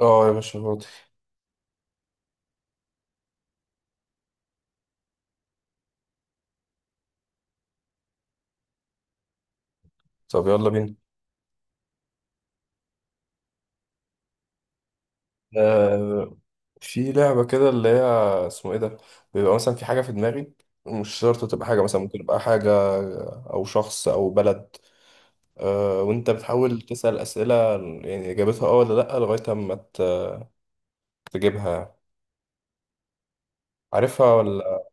اه يا باشا فاضي. طب يلا بينا. آه، في لعبة كده اللي هي اسمه ايه ده، بيبقى مثلا في حاجة في دماغي، مش شرط تبقى حاجة، مثلا ممكن تبقى حاجة أو شخص أو بلد. آه، وأنت بتحاول تسأل أسئلة يعني إجابتها اه ولا لأ، لغاية أما تجيبها، عارفها ولا.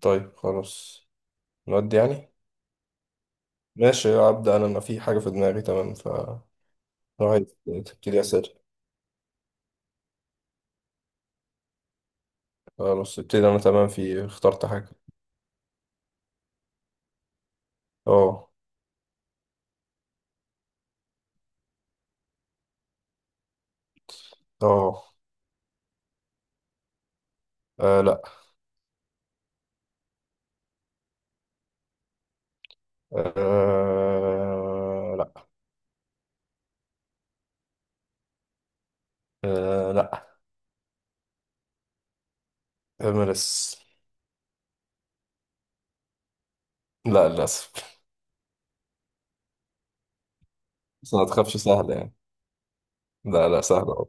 طيب خلاص، نودي يعني. ماشي، أبدأ أنا. أنا حاجة في دماغي، تمام. ف لو عايز تبتدي أسئلة. خلاص ابتدي. أنا تمام، في اخترت حاجة. اه. اه. آه، لا. أه لا. أه لا. إمارس. لا للأسف. بس ما تخافش، سهلة يعني. لا لا، سهلة أهو.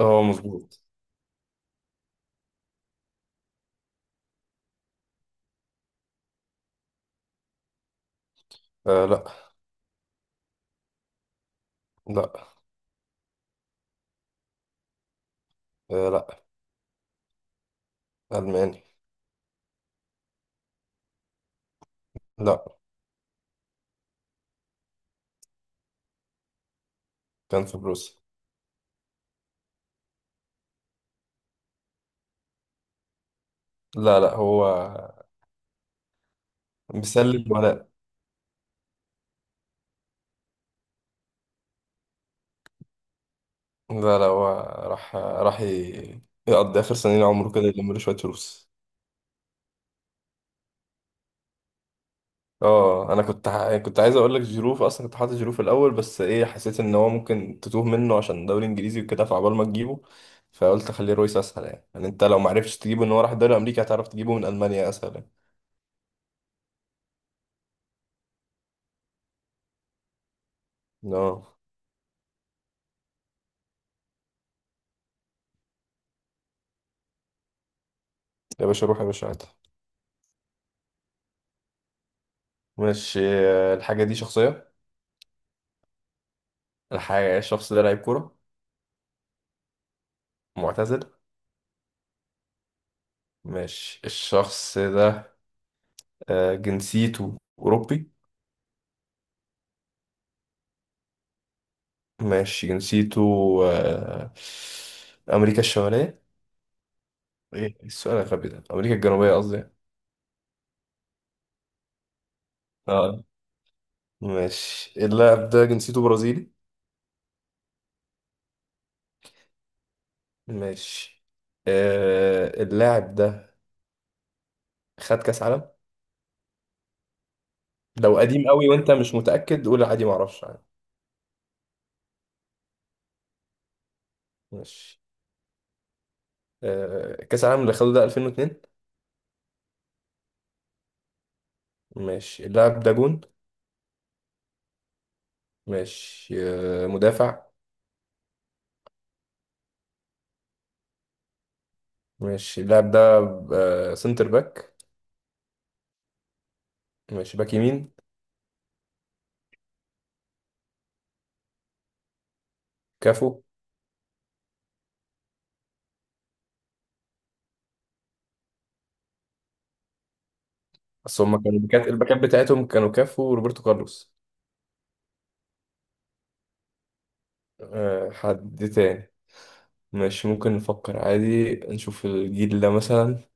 أه، مظبوط. أه لا. لا. أه لا. ألماني. لا، كان في بروسيا. لا لا، هو بيسلم ولا. لا لا، هو راح، يقضي آخر سنين عمره كده، يلم له شوية فلوس. اه، يعني كنت عايز اقول لك جيرو، اصلا كنت حاطط جيرو في الاول، بس ايه، حسيت ان هو ممكن تتوه منه عشان دوري انجليزي وكده، فعبال ما تجيبه، فقلت خليه رويس اسهل يعني. يعني انت لو ما عرفتش تجيبه ان هو راح الدوري الامريكي، هتعرف تجيبه من المانيا اسهل يعني. اه يا باشا، روح يا باشا عادي. ماشي، آه، الحاجه دي شخصيه. الشخص ده لعيب كوره معتزل. ماشي، الشخص ده آه، جنسيته اوروبي. ماشي، جنسيته آه، امريكا الشماليه. ايه السؤال الغبي ده، امريكا الجنوبيه قصدي يعني. اه. ماشي، اللاعب ده جنسيته برازيلي. ماشي، آه، اللاعب ده خد كاس عالم. لو قديم قوي وانت مش متأكد قول عادي معرفش يعني. ماشي، آه، كاس العالم اللي خده ده 2002. ماشي، اللاعب ده جون. ماشي، آه، مدافع. ماشي، اللاعب ده آه، سنتر باك. ماشي، باك يمين. كافو. بس هما كانوا الباكات، بتاعتهم كانوا كافو وروبرتو كارلوس. آه، حد تاني. ماشي، ممكن نفكر عادي، نشوف الجيل ده مثلا.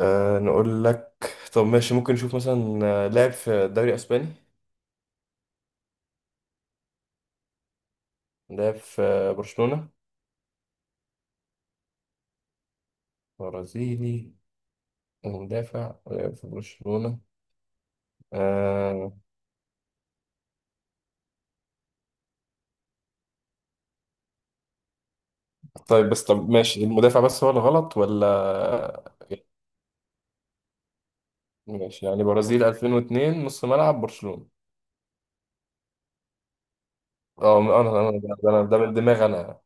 أه نقول لك. طب ماشي، ممكن نشوف مثلا آه، لاعب في الدوري الاسباني. لاعب في آه، برشلونة. برازيلي ومدافع لاعب في برشلونة. أه. طيب بس، طب ماشي، المدافع بس هو اللي غلط ولا آه،. ماشي، يعني برازيل 2002 نص ملعب برشلونة. اه، انا ده من دماغي انا.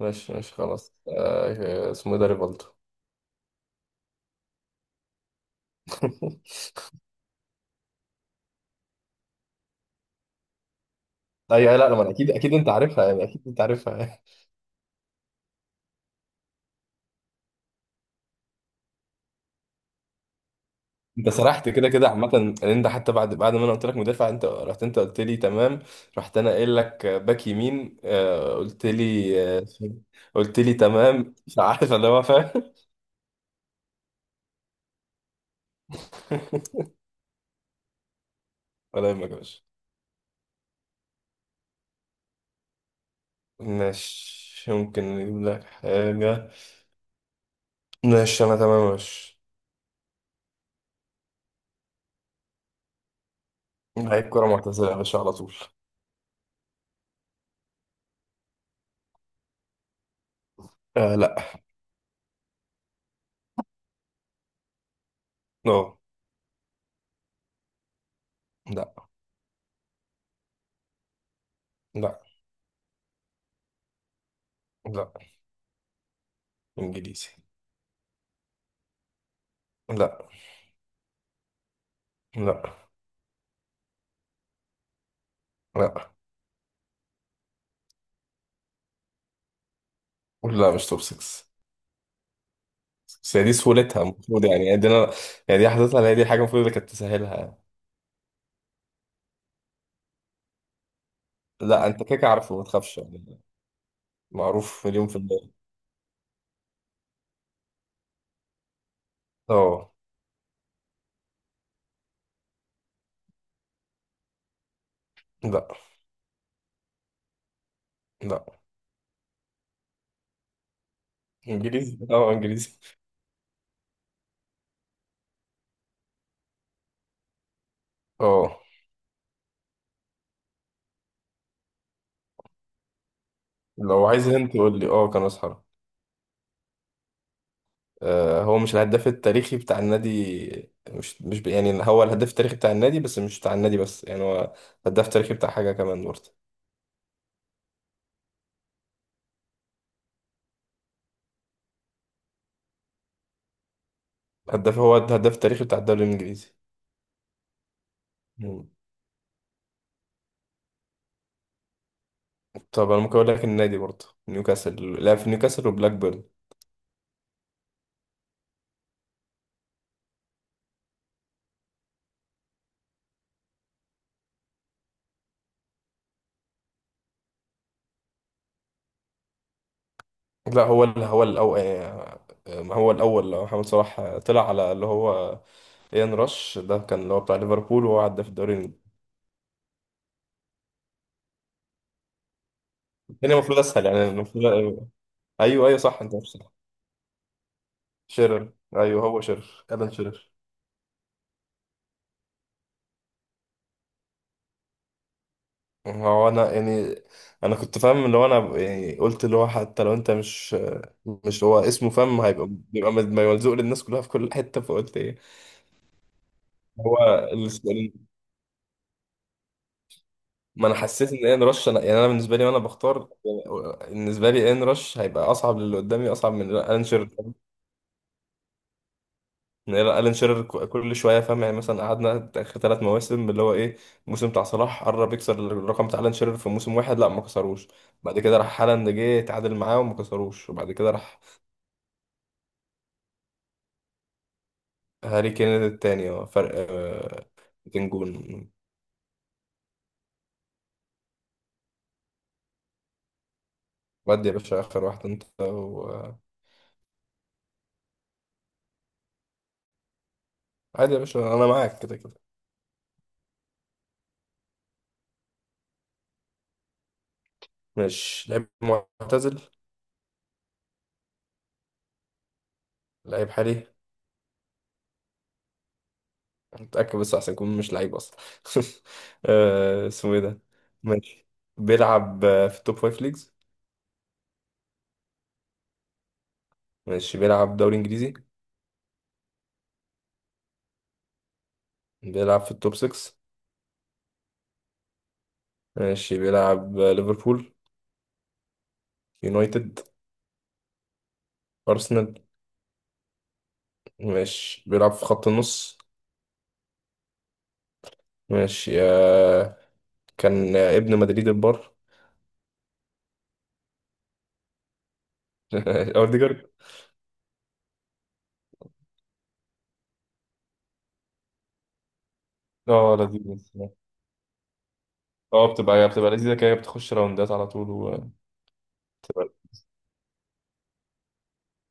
ماشي ماشي، خلاص. أه، اسمه إيه ده، ريفالدو. ايوه، لا لا، ما أنا اكيد، اكيد انت عارفها يعني، اكيد انت عارفها. انت سرحت كده كده عامه، ان انت حتى بعد ما انا قلت لك مدافع انت رحت، انت قلت لي تمام. رحت انا قايل لك باك يمين، آه، قلت لي. آه، قلت لي تمام، مش عارف اللي هو فاهم. ولا يهمك يا باشا. ماشي، ممكن نجيب لك حاجه. ماشي، انا تمام يا باشا. لعيب كره معتزله يا باشا على طول. آه لا. اه لا. لا. لا. انجليزي. لا. لا. لا. لا، مش توب 6. بس هي دي سهولتها المفروض يعني، يعني دي انا، يعني دي حضرتها اللي هي، دي الحاجه المفروض اللي كانت تسهلها يعني. لا انت كده كده عارفه، ما تخافش يعني. معروف مليون في المية. اه. لا. لا. انجليزي اه، انجليزي. اه. لو عايز انت تقول لي، اه كان اسحر. آه، هو مش الهداف التاريخي بتاع النادي، مش مش ب... يعني هو الهداف التاريخي بتاع النادي، بس مش بتاع النادي بس يعني، هو هداف تاريخي بتاع حاجه كمان برضه. هداف، هو الهداف التاريخي بتاع الدوري الانجليزي. مم. طب انا ممكن اقول لك النادي برضه، نيوكاسل، لعب في نيوكاسل وبلاك بيرن. لا، هو الأول. هو الأول. لو محمد صلاح آه، طلع على اللي هو إيان راش، ده كان اللي هو بتاع ليفربول وهو عدى في الدوري الإنجليزي. الدنيا المفروض أسهل يعني، المفروض آه،. أيوه أيوه، صح، أنت عارف صح. شيرر، أيوه هو شيرر، ألان شيرر. هو أنا يعني، أنا كنت فاهم اللي هو، أنا يعني قلت اللي هو، حتى لو أنت مش، مش هو اسمه فاهم، هيبقى بيبقى ملزوق للناس كلها في كل حتة، فقلت إيه. هو، ما انا حسيت ان ان رش، انا يعني انا بالنسبه لي وانا بختار، بالنسبه لي ان رش هيبقى اصعب للي قدامي، اصعب من الان شيرر. ان الان شيرر كل شويه فاهم يعني، مثلا قعدنا اخر ثلاث مواسم اللي هو ايه، الموسم بتاع صلاح قرب يكسر الرقم بتاع الان شيرر في موسم واحد، لا ما كسروش. بعد كده راح هالاند جه اتعادل معاه وما كسروش، وبعد كده راح هاري كين التاني اه، فرق آه، 200 جون. ودي يا باشا اخر واحد انت و.... عادي يا باشا، انا معاك كده كده. ماشي، لعيب معتزل. لعيب حالي. متأكد، بس عشان يكون مش لعيب أصلا. آه، اسمه إيه ده؟ ماشي، بيلعب آه، في التوب فايف ليجز. ماشي، بيلعب دوري إنجليزي. بيلعب في التوب 6. ماشي، بيلعب آه، ليفربول. يونايتد. أرسنال. ماشي، بيلعب في خط النص. ماشي، آه، كان آه، ابن مدريد البار. أوديجارد. اه لذيذ. اه، بتبقى لذيذة كده، بتخش راوندات على طول وبتبقى